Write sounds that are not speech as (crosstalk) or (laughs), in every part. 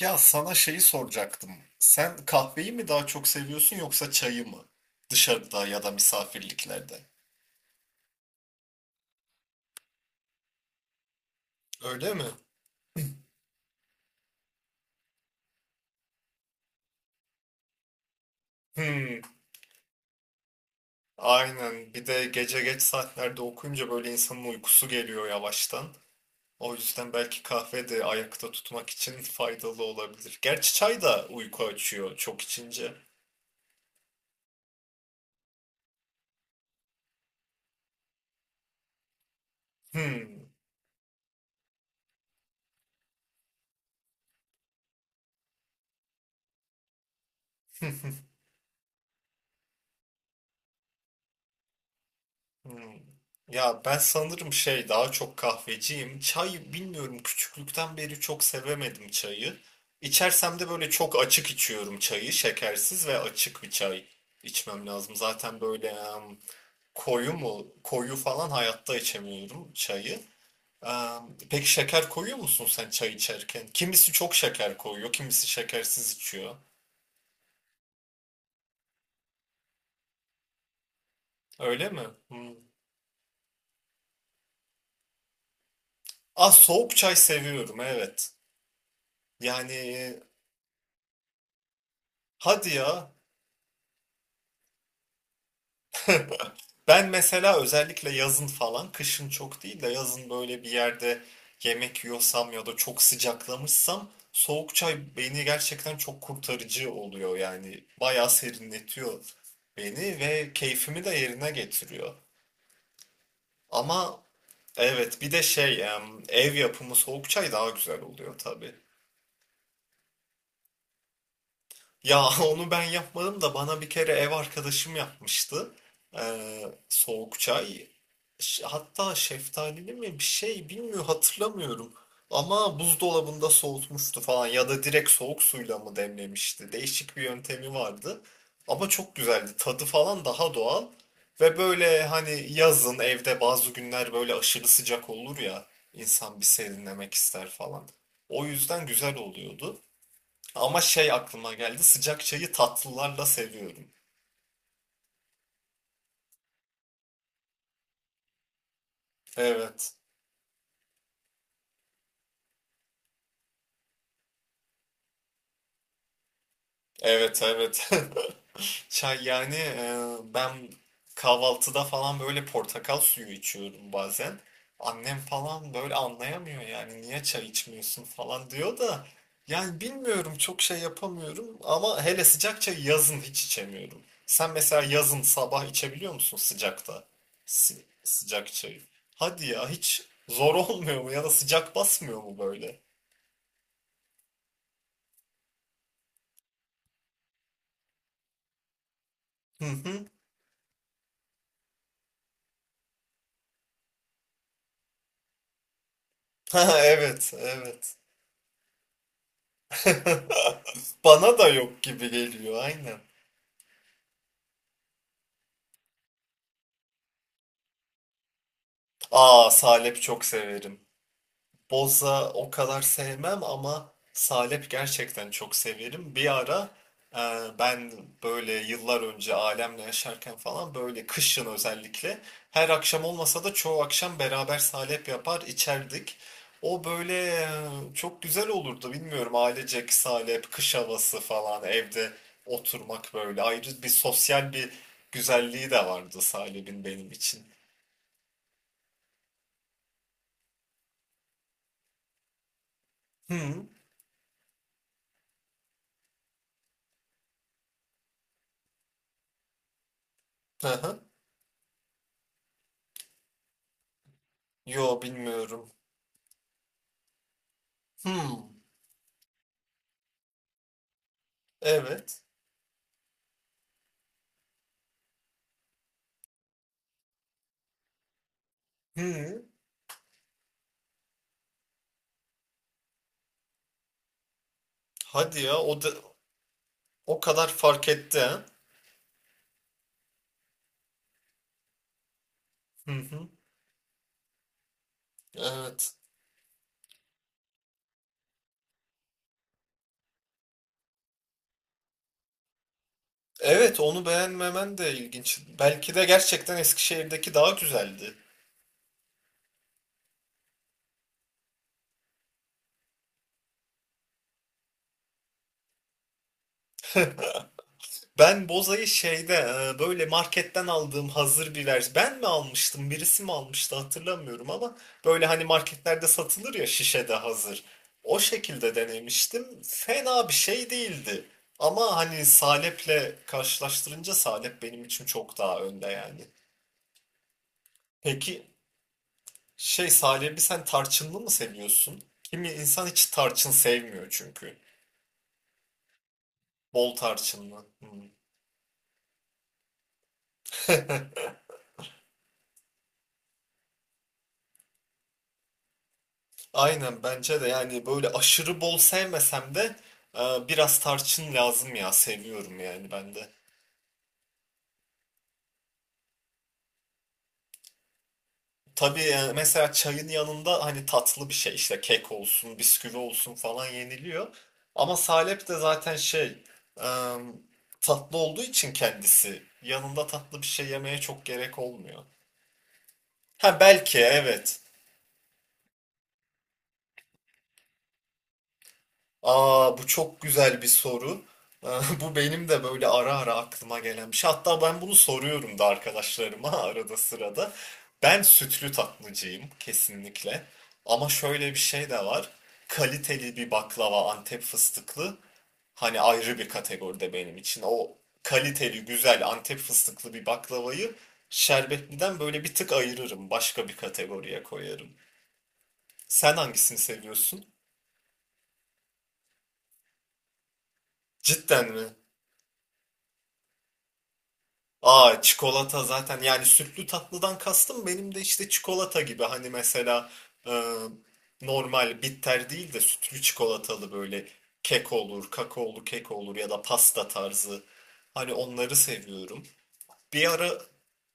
Ya sana şeyi soracaktım. Sen kahveyi mi daha çok seviyorsun yoksa çayı mı? Dışarıda ya da misafirliklerde. Öyle mi? Hmm, aynen. Bir de gece geç saatlerde okuyunca böyle insanın uykusu geliyor yavaştan. O yüzden belki kahve de ayakta tutmak için faydalı olabilir. Gerçi çay da uyku açıyor çok içince. Hmm. (laughs) Hmm. Ya ben sanırım şey daha çok kahveciyim. Çay bilmiyorum küçüklükten beri çok sevemedim çayı. İçersem de böyle çok açık içiyorum çayı. Şekersiz ve açık bir çay içmem lazım. Zaten böyle koyu mu koyu falan hayatta içemiyorum çayı. Peki şeker koyuyor musun sen çay içerken? Kimisi çok şeker koyuyor, kimisi şekersiz içiyor. Öyle mi? Hmm. Ah soğuk çay seviyorum evet. Yani hadi ya (laughs) Ben mesela özellikle yazın falan, kışın çok değil de yazın böyle bir yerde yemek yiyorsam ya da çok sıcaklamışsam soğuk çay beni gerçekten çok kurtarıcı oluyor yani. Bayağı serinletiyor beni ve keyfimi de yerine getiriyor. Ama evet bir de şey ev yapımı soğuk çay daha güzel oluyor tabii. Ya (laughs) onu ben yapmadım da bana bir kere ev arkadaşım yapmıştı. Ee, soğuk çay. Hatta şeftalili mi bir şey bilmiyorum hatırlamıyorum. Ama buzdolabında soğutmuştu falan ya da direkt soğuk suyla mı demlemişti. Değişik bir yöntemi vardı. Ama çok güzeldi. Tadı falan daha doğal. Ve böyle hani yazın evde bazı günler böyle aşırı sıcak olur ya. İnsan bir serinlemek ister falan. O yüzden güzel oluyordu. Ama şey aklıma geldi. Sıcak çayı tatlılarla seviyorum. Evet. Evet evet. (laughs) Çay yani ben kahvaltıda falan böyle portakal suyu içiyorum bazen. Annem falan böyle anlayamıyor yani niye çay içmiyorsun falan diyor da yani bilmiyorum çok şey yapamıyorum ama hele sıcak çayı yazın hiç içemiyorum. Sen mesela yazın sabah içebiliyor musun sıcakta? Sıcak çayı. Hadi ya hiç zor (laughs) olmuyor mu ya da sıcak basmıyor mu böyle? Hı hı. (laughs) Ha, evet evet. (laughs) Bana da yok gibi geliyor aynen. Aa salep çok severim. Boza o kadar sevmem ama salep gerçekten çok severim. Bir ara e, ben böyle yıllar önce ailemle yaşarken falan böyle kışın özellikle her akşam olmasa da çoğu akşam beraber salep yapar içerdik. O böyle çok güzel olurdu bilmiyorum ailecek salep, kış havası falan evde oturmak böyle ayrı bir sosyal bir güzelliği de vardı salep'in benim için. Hmm. Hı hı. Yo bilmiyorum. Hmm. Evet. Hı. Hadi ya o da, o kadar fark etti ha. Hı hı. Evet. Evet onu beğenmemen de ilginç. Belki de gerçekten Eskişehir'deki daha güzeldi. Ben bozayı şeyde böyle marketten aldığım hazır bir vers. Ben mi almıştım, birisi mi almıştı hatırlamıyorum ama böyle hani marketlerde satılır ya şişede hazır. O şekilde denemiştim. Fena bir şey değildi. Ama hani salep'le karşılaştırınca salep benim için çok daha önde yani. Peki şey Salih sen tarçınlı mı seviyorsun? Kimi insan hiç tarçın sevmiyor çünkü. Bol tarçınlı. Hmm. Aynen bence de yani böyle aşırı bol sevmesem de e, biraz tarçın lazım ya seviyorum yani ben de. Tabii mesela çayın yanında hani tatlı bir şey işte kek olsun bisküvi olsun falan yeniliyor. Ama salep de zaten şey e, tatlı olduğu için kendisi yanında tatlı bir şey yemeye çok gerek olmuyor. Ha belki evet. Aa bu çok güzel bir soru. (laughs) Bu benim de böyle ara ara aklıma gelen bir şey. Hatta ben bunu soruyorum da arkadaşlarıma (laughs) arada sırada. Ben sütlü tatlıcıyım kesinlikle. Ama şöyle bir şey de var. Kaliteli bir baklava Antep fıstıklı hani ayrı bir kategoride benim için. O kaliteli güzel Antep fıstıklı bir baklavayı şerbetliden böyle bir tık ayırırım. Başka bir kategoriye koyarım. Sen hangisini seviyorsun? Cidden mi? Aa çikolata zaten yani sütlü tatlıdan kastım benim de işte çikolata gibi hani mesela e, normal bitter değil de sütlü çikolatalı böyle kek olur, kakaolu kek olur ya da pasta tarzı hani onları seviyorum. Bir ara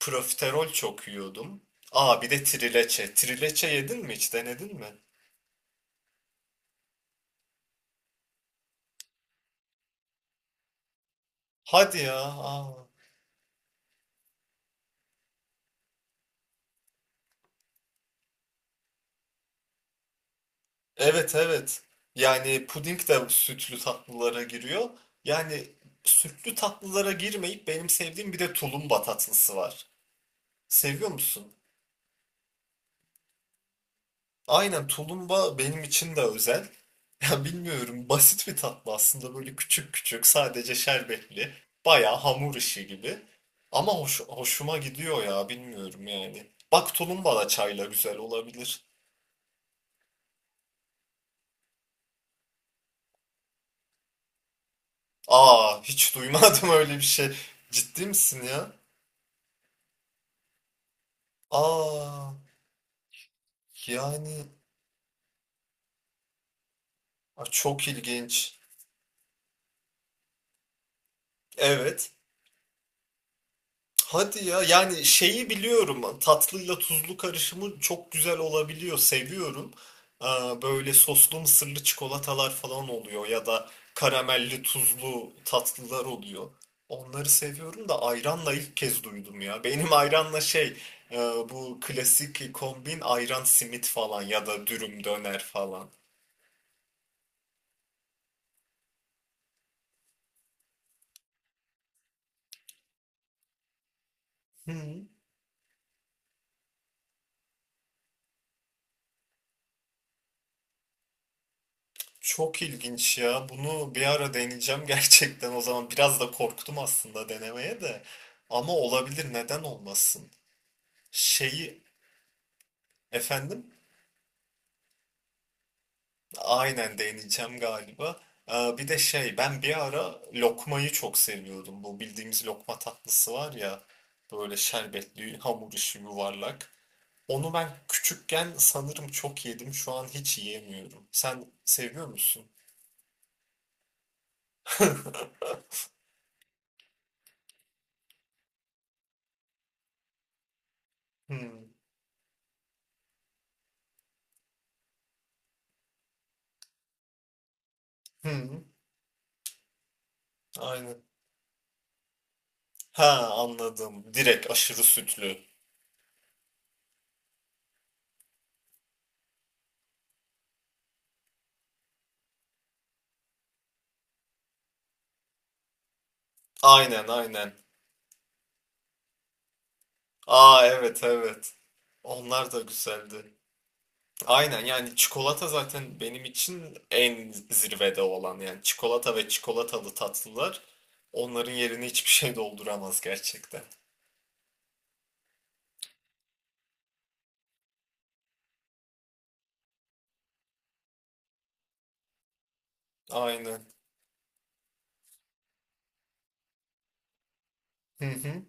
profiterol çok yiyordum. Aa bir de trileçe. Trileçe yedin mi hiç denedin mi? Hadi ya. Aa. Evet evet. Yani puding de sütlü tatlılara giriyor. Yani sütlü tatlılara girmeyip benim sevdiğim bir de tulumba tatlısı var. Seviyor musun? Aynen tulumba benim için de özel. (laughs) Ya bilmiyorum basit bir tatlı aslında böyle küçük küçük sadece şerbetli. Bayağı hamur işi gibi. Ama hoş, hoşuma gidiyor ya bilmiyorum yani. Bak tulumba da çayla güzel olabilir. Aa hiç duymadım (laughs) öyle bir şey. Ciddi misin ya? Aa. Yani a, çok ilginç. Evet. Hadi ya yani şeyi biliyorum. Hani tatlıyla tuzlu karışımı çok güzel olabiliyor seviyorum. Aa, böyle soslu mısırlı çikolatalar falan oluyor ya da karamelli tuzlu tatlılar oluyor. Onları seviyorum da ayranla ilk kez duydum ya. Benim ayranla şey e, bu klasik kombin ayran simit falan ya da dürüm döner falan. Çok ilginç ya. Bunu bir ara deneyeceğim (laughs) gerçekten. O zaman biraz da korktum aslında denemeye de. Ama olabilir, neden olmasın? Şeyi efendim aynen deneyeceğim galiba. Bir de şey ben bir ara lokmayı çok seviyordum. Bu bildiğimiz lokma tatlısı var ya böyle şerbetli hamur işi yuvarlak. Onu ben küçükken sanırım çok yedim. Şu an hiç yiyemiyorum. Sen seviyor musun? (laughs) Hmm. Hmm. Aynen. Ha anladım. Direkt aşırı sütlü. Aynen aynen. Aa evet evet. Onlar da güzeldi. Aynen yani çikolata zaten benim için en zirvede olan yani çikolata ve çikolatalı tatlılar onların yerini hiçbir şey dolduramaz gerçekten. Aynen. Hı hı.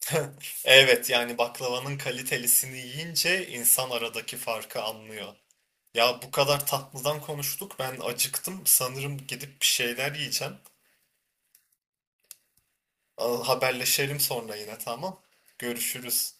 (laughs) Evet yani baklavanın kalitelisini yiyince insan aradaki farkı anlıyor. Ya bu kadar tatlıdan konuştuk ben acıktım sanırım gidip bir şeyler yiyeceğim. Al, haberleşelim sonra yine tamam. Görüşürüz.